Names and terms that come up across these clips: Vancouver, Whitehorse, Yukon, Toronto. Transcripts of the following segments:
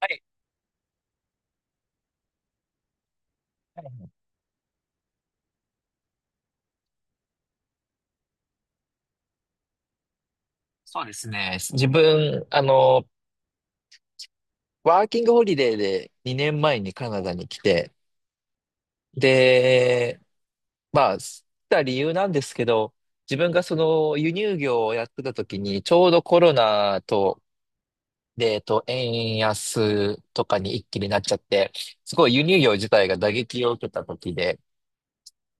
はいはいはい。そうですね。自分、ワーキングホリデーで2年前にカナダに来て、で、まあ、来た理由なんですけど、自分がその輸入業をやってた時に、ちょうどコロナと、で、円安とかに一気になっちゃって、すごい輸入業自体が打撃を受けた時で、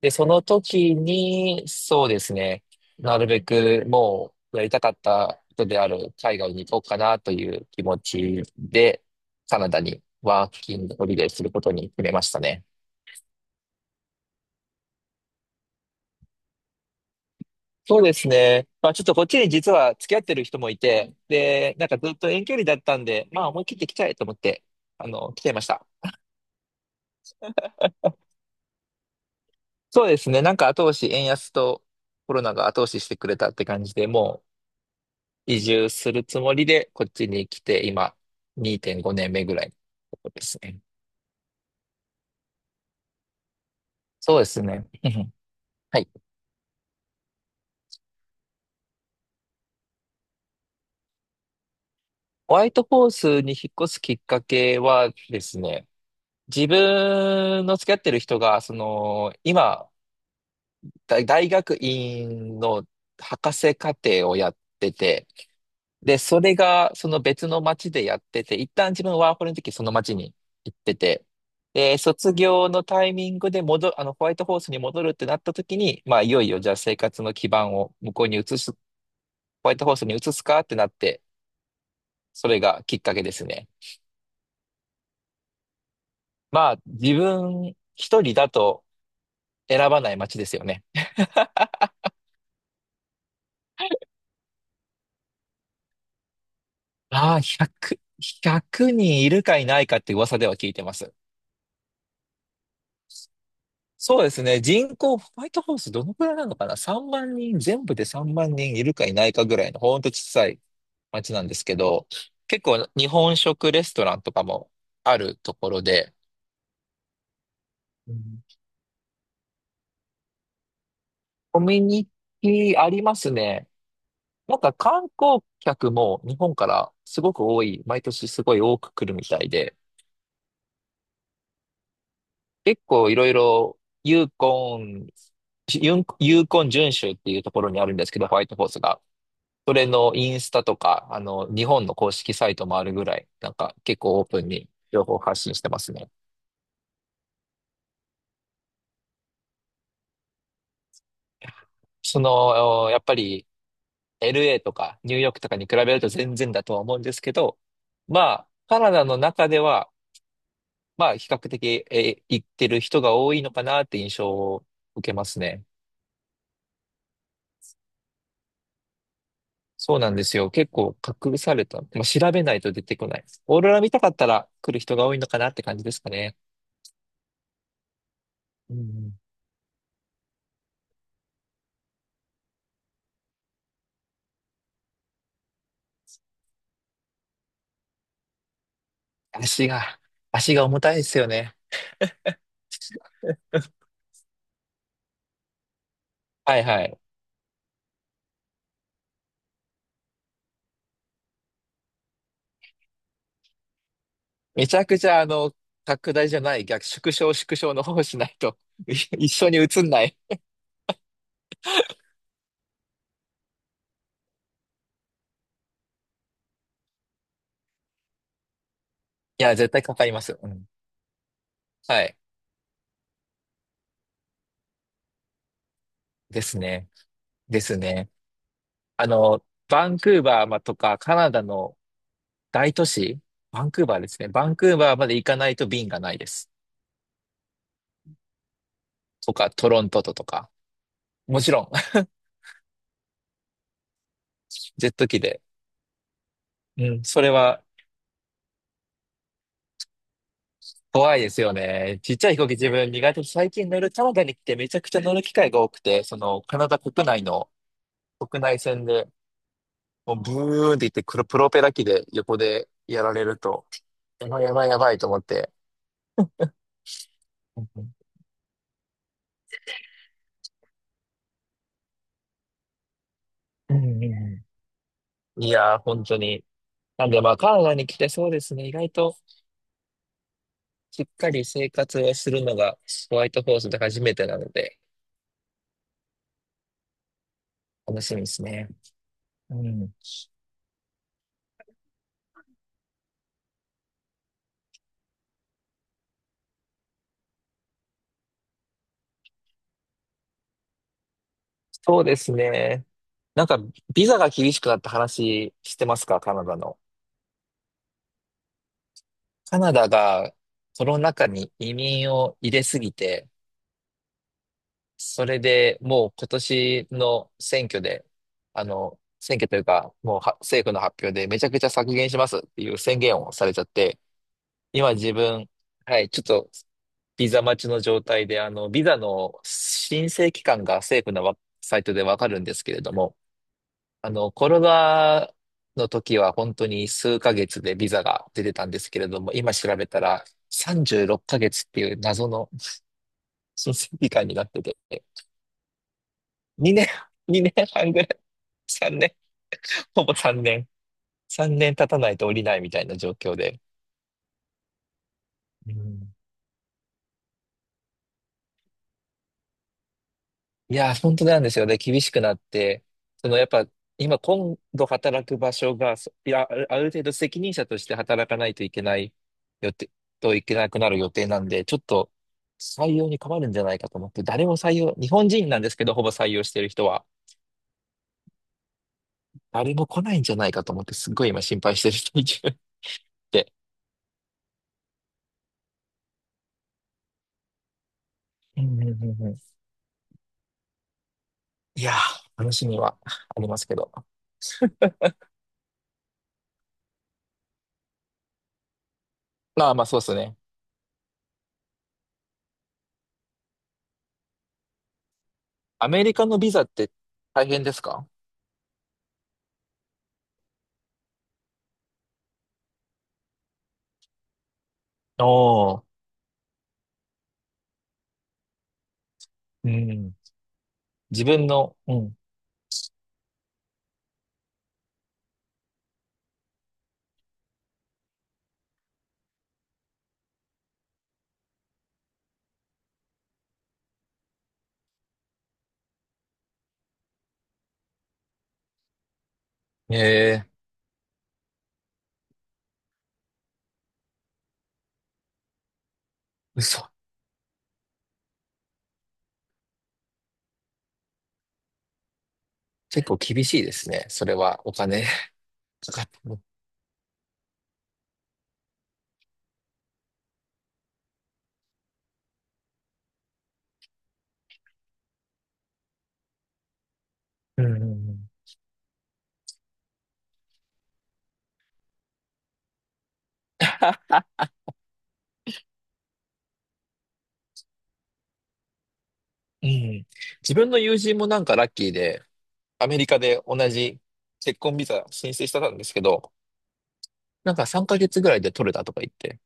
で、その時に、そうですね、なるべくもうやりたかった人である海外に行こうかなという気持ちで、カナダにワーキングホリデーすることに決めましたね。そうですね。まあちょっとこっちに実は付き合ってる人もいて、で、なんかずっと遠距離だったんで、まあ思い切って来ちゃえと思って、来ちゃいました。そうですね。なんか後押し、円安とコロナが後押ししてくれたって感じで、移住するつもりで、こっちに来て、今、2.5年目ぐらいのとこですね。そうですね。うん。はい。ホワイトホースに引っ越すきっかけはですね、自分の付き合ってる人が、今、大学院の博士課程をやってて、で、それがその別の町でやってて、一旦自分ワーホリの時その町に行ってて、で、卒業のタイミングで戻る、あの、ホワイトホースに戻るってなった時に、まあ、いよいよじゃあ生活の基盤を向こうに移す、ホワイトホースに移すかってなって、それがきっかけですね。まあ、自分一人だと選ばない町ですよね。ああ、1 100人いるかいないかって噂では聞いてます。そうですね。人口、ホワイトハウスどのくらいなのかな？ 3 万人、全部で3万人いるかいないかぐらいの、ほんと小さい町なんですけど、結構日本食レストランとかもあるところで、うん、コミュニティありますね。なんか観光客も日本からすごく多い、毎年すごい多く来るみたいで、結構いろいろユーコン、ユーコン準州っていうところにあるんですけど、ホワイトホースが。それのインスタとか、日本の公式サイトもあるぐらい、なんか結構オープンに情報発信してますね。やっぱり LA とかニューヨークとかに比べると全然だとは思うんですけど、まあ、カナダの中では、まあ、比較的、行ってる人が多いのかなって印象を受けますね。そうなんですよ。結構隠された。まあ、調べないと出てこない。オーロラ見たかったら来る人が多いのかなって感じですかね。うん。足が、足が重たいですよね。はいはい。めちゃくちゃ拡大じゃない、逆、縮小の方をしないと い一緒に映んない。いや、絶対かかります。うん。はい。ですね。ですね。バンクーバーまとかカナダの大都市、バンクーバーですね。バンクーバーまで行かないと便がないです。とか、トロントととか。もちろん、ジェット機で。うん、それは怖いですよね。ちっちゃい飛行機自分苦手で最近乗るカナダに来てめちゃくちゃ乗る機会が多くて、そのカナダ国内の国内線でもうブーンって言ってくるプロペラ機で横でやられると、やばいやばいやばいと思って。うんうんうん。いやー、本当に。なんでまあ、カナダに来てそうですね。意外としっかり生活をするのがホワイトホースで初めてなので、楽しみですね。うん。そうですね。なんか、ビザが厳しくなった話してますかカナダの？カナダがコロナ禍に移民を入れすぎて、それでもう今年の選挙で、選挙というか、もうは政府の発表でめちゃくちゃ削減しますっていう宣言をされちゃって、今自分、はい、ちょっとビザ待ちの状態で、ビザの申請期間が政府のサイトでわかるんですけれども、コロナの時は本当に数ヶ月でビザが出てたんですけれども、今調べたら36ヶ月っかげつっていう謎の申請期間になってて、2年、2年半ぐらい。3年、ほぼ3年。3年経たないと降りないみたいな状況で。うん。いやー、本当なんですよね。厳しくなって、やっぱ、今度働く場所が、そいや、ある程度責任者として働かないといけない予定、といけなくなる予定なんで、ちょっと採用に困るんじゃないかと思って、誰も採用、日本人なんですけど、ほぼ採用してる人は、誰も来ないんじゃないかと思って、すっごい今心配してる人いて。うんうんうんうん。いやー、話にはありますけど。まあまあそうですね。アメリカのビザって大変ですか？おー、うん。自分の、うん。ええ、嘘。結構厳しいですね。それはお金 かかってる。うんうんうん。うん、自分の友人もなんかラッキーで、アメリカで同じ結婚ビザ申請してたんですけど、なんか3ヶ月ぐらいで取れたとか言って。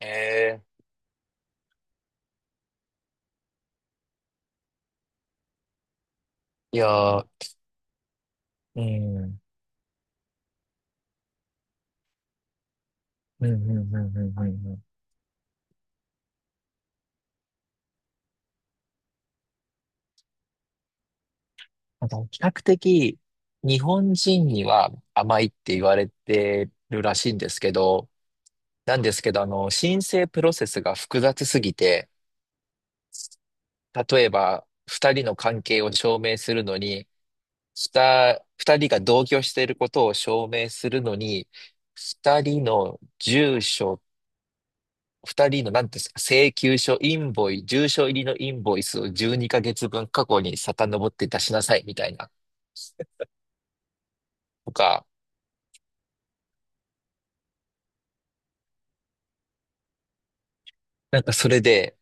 ええ、いやー、うん。うんうんうんうんうんうん。比較的日本人には甘いって言われてるらしいんですけど、なんですけど、申請プロセスが複雑すぎて、例えば二人の関係を証明するのに、二人が同居していることを証明するのに、二人の住所、二人の何ですか、請求書、インボイ、住所入りのインボイスを12ヶ月分過去に遡って出しなさいみたいな、とか、なんかそれで、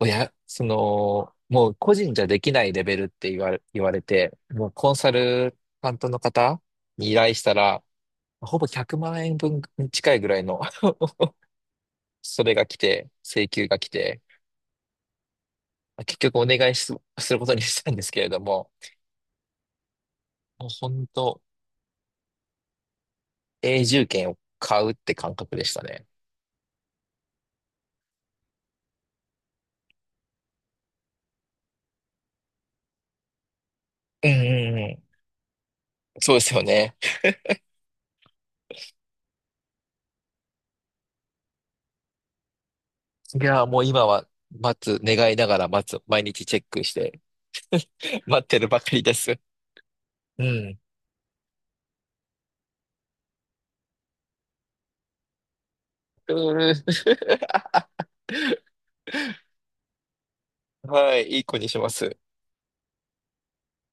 親、その、もう個人じゃできないレベルって言われて、もうコンサル担ントの方に依頼したら、ほぼ100万円分に近いぐらいの、それが来て、請求が来て、結局お願いす、することにしたんですけれども、もう本当永住権を買うって感覚でしたね。うんうんうん。そうですよね。いや、もう今は待つ、願いながら待つ、毎日チェックして、待ってるばかりです。うん。うーん、はい、いい子にします。